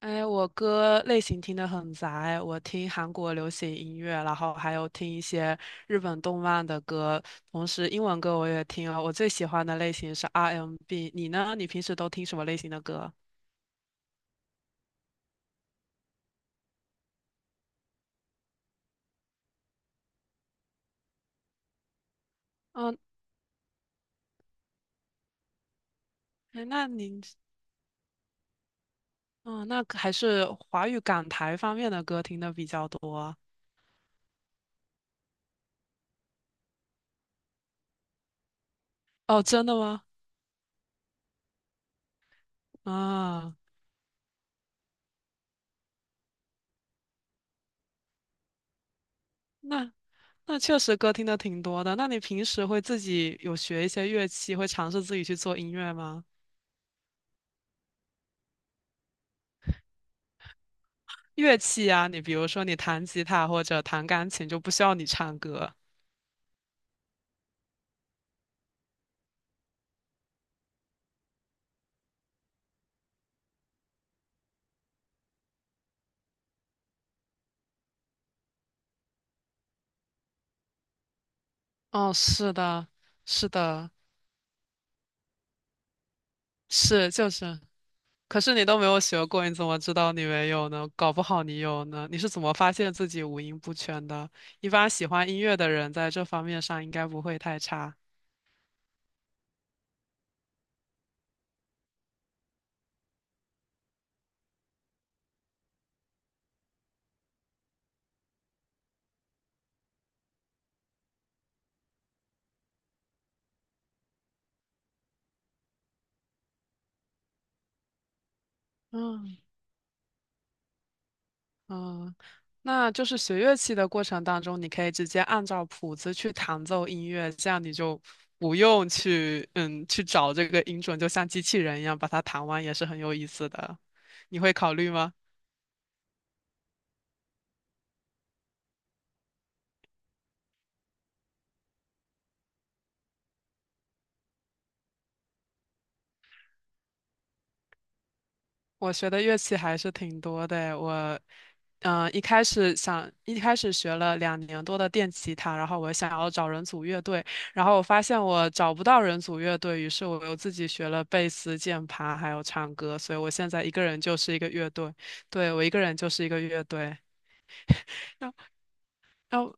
哎，我歌类型听得很杂哎，我听韩国流行音乐，然后还有听一些日本动漫的歌，同时英文歌我也听啊。我最喜欢的类型是 R&B，你呢？你平时都听什么类型的歌？嗯，哎，那你，嗯，那可还是华语港台方面的歌听的比较多。哦，真的吗？啊，那那确实歌听的挺多的。那你平时会自己有学一些乐器，会尝试自己去做音乐吗？乐器啊，你比如说你弹吉他或者弹钢琴，就不需要你唱歌。哦，是的，是的，是就是。可是你都没有学过，你怎么知道你没有呢？搞不好你有呢。你是怎么发现自己五音不全的？一般喜欢音乐的人在这方面上应该不会太差。嗯。嗯，那就是学乐器的过程当中，你可以直接按照谱子去弹奏音乐，这样你就不用去去找这个音准，就像机器人一样把它弹完，也是很有意思的。你会考虑吗？我学的乐器还是挺多的我，一开始学了2年多的电吉他，然后我想要找人组乐队，然后我发现我找不到人组乐队，于是我又自己学了贝斯、键盘，还有唱歌，所以我现在一个人就是一个乐队，对，我一个人就是一个乐队。然后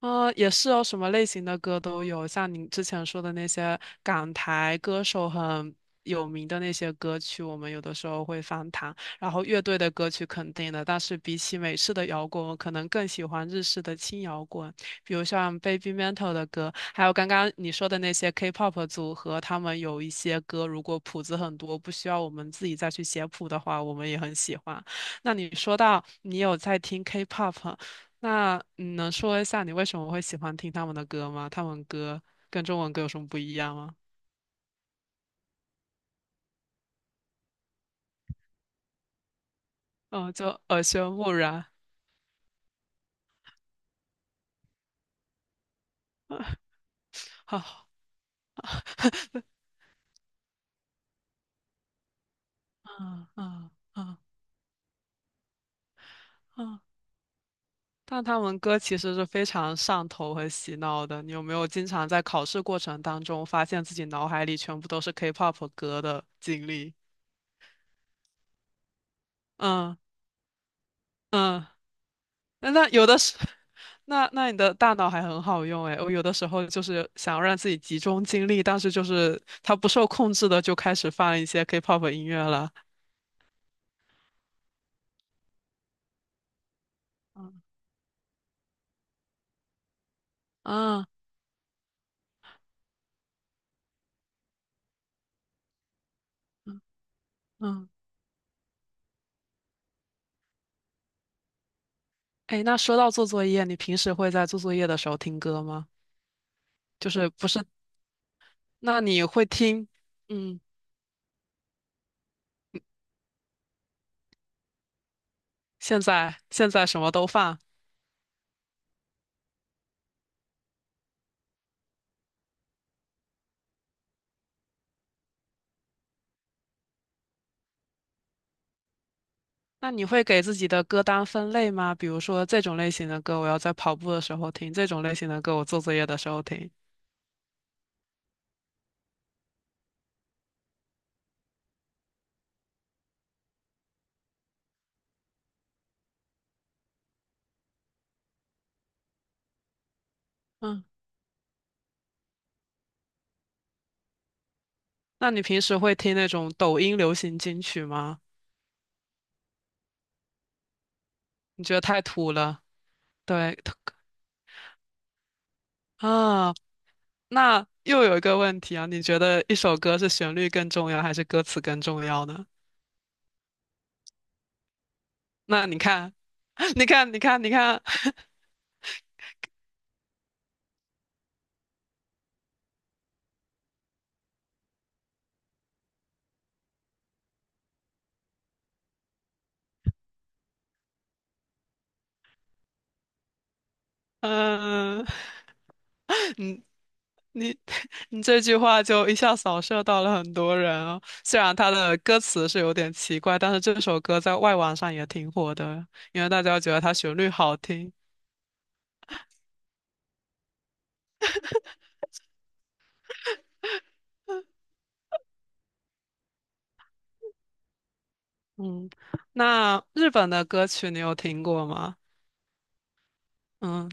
也是哦，什么类型的歌都有，像您之前说的那些港台歌手很有名的那些歌曲，我们有的时候会翻唱。然后乐队的歌曲肯定的，但是比起美式的摇滚，我可能更喜欢日式的轻摇滚，比如像 Baby Metal 的歌，还有刚刚你说的那些 K-pop 组合，他们有一些歌，如果谱子很多，不需要我们自己再去写谱的话，我们也很喜欢。那你说到你有在听 K-pop，那你能说一下你为什么会喜欢听他们的歌吗？他们歌跟中文歌有什么不一样吗？嗯，就耳濡目染，好，嗯 嗯嗯嗯。但他们歌其实是非常上头和洗脑的。你有没有经常在考试过程当中发现自己脑海里全部都是 K-pop 歌的经历？嗯嗯，那有的是，那你的大脑还很好用诶，我有的时候就是想要让自己集中精力，但是就是它不受控制的就开始放一些 K-pop 音乐了。嗯嗯嗯，哎，那说到做作业，你平时会在做作业的时候听歌吗？就是不是？那你会听？嗯，现在什么都放。那你会给自己的歌单分类吗？比如说这种类型的歌，我要在跑步的时候听；这种类型的歌，我做作业的时候听。嗯。那你平时会听那种抖音流行金曲吗？你觉得太土了？对，啊，那又有一个问题啊，你觉得一首歌是旋律更重要还是歌词更重要呢？那你看，你看，你看，你看，嗯，你你 你这句话就一下扫射到了很多人哦。虽然他的歌词是有点奇怪，但是这首歌在外网上也挺火的，因为大家觉得它旋律好听。嗯，那日本的歌曲你有听过吗？嗯，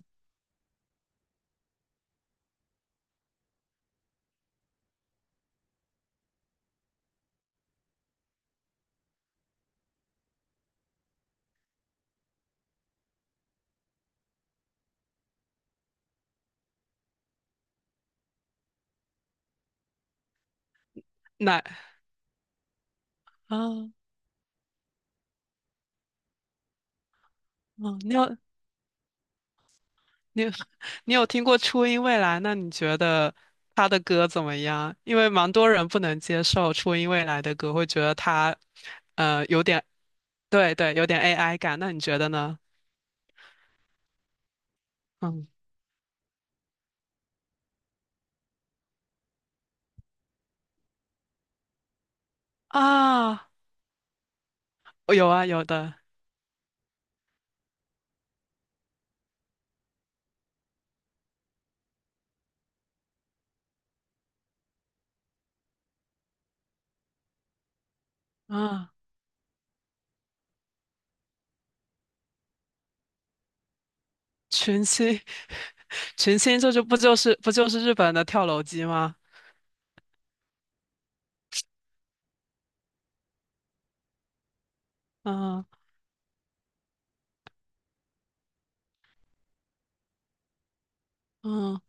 那啊？嗯，你有 你有听过初音未来？那你觉得他的歌怎么样？因为蛮多人不能接受初音未来的歌，会觉得他有点，对对，有点 AI 感。那你觉得呢？嗯啊，有啊有的啊，群星 群星这就是不就是日本的跳楼机吗？嗯嗯，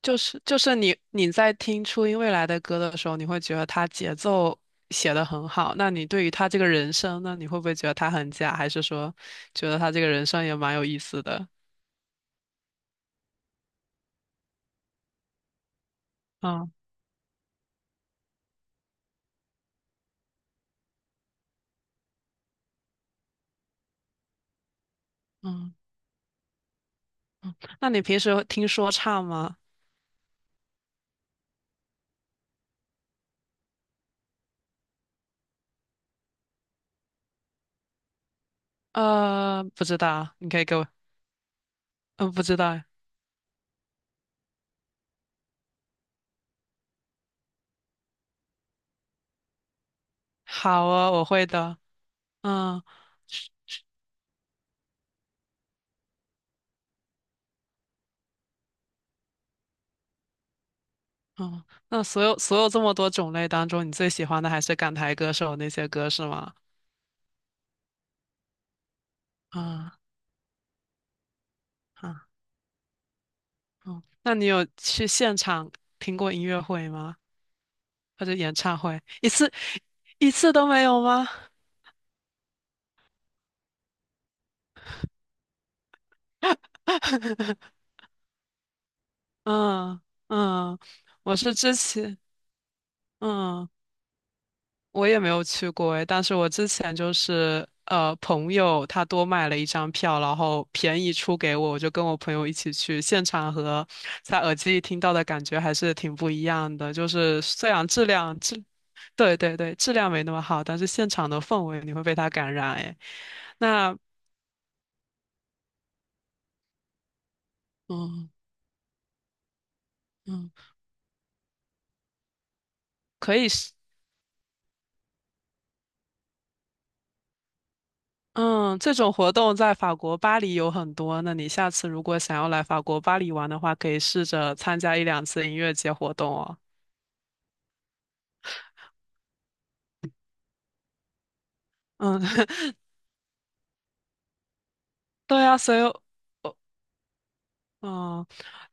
就是你在听初音未来的歌的时候，你会觉得他节奏写的很好。那你对于他这个人声呢，你会不会觉得他很假，还是说觉得他这个人声也蛮有意思的？嗯嗯，那你平时会听说唱吗？不知道，你可以给我，嗯，不知道。好啊，我会的。嗯嗯，那所有这么多种类当中，你最喜欢的还是港台歌手那些歌是吗？啊、嗯。哦，那你有去现场听过音乐会吗？或者演唱会？一次都没有吗？嗯嗯，我是之前嗯。我也没有去过诶，但是我之前就是朋友他多买了一张票，然后便宜出给我，我就跟我朋友一起去，现场和在耳机里听到的感觉还是挺不一样的。就是虽然质量质，对对对，质量没那么好，但是现场的氛围你会被它感染诶。那嗯嗯，可以是嗯，这种活动在法国巴黎有很多。那你下次如果想要来法国巴黎玩的话，可以试着参加一两次音乐节活动哦。嗯，对呀，所以，我嗯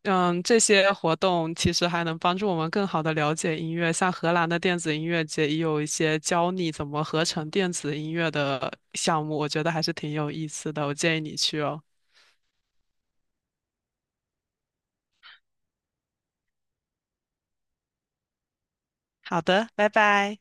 这些活动其实还能帮助我们更好的了解音乐。像荷兰的电子音乐节也有一些教你怎么合成电子音乐的项目，我觉得还是挺有意思的。我建议你去哦。好的，拜拜。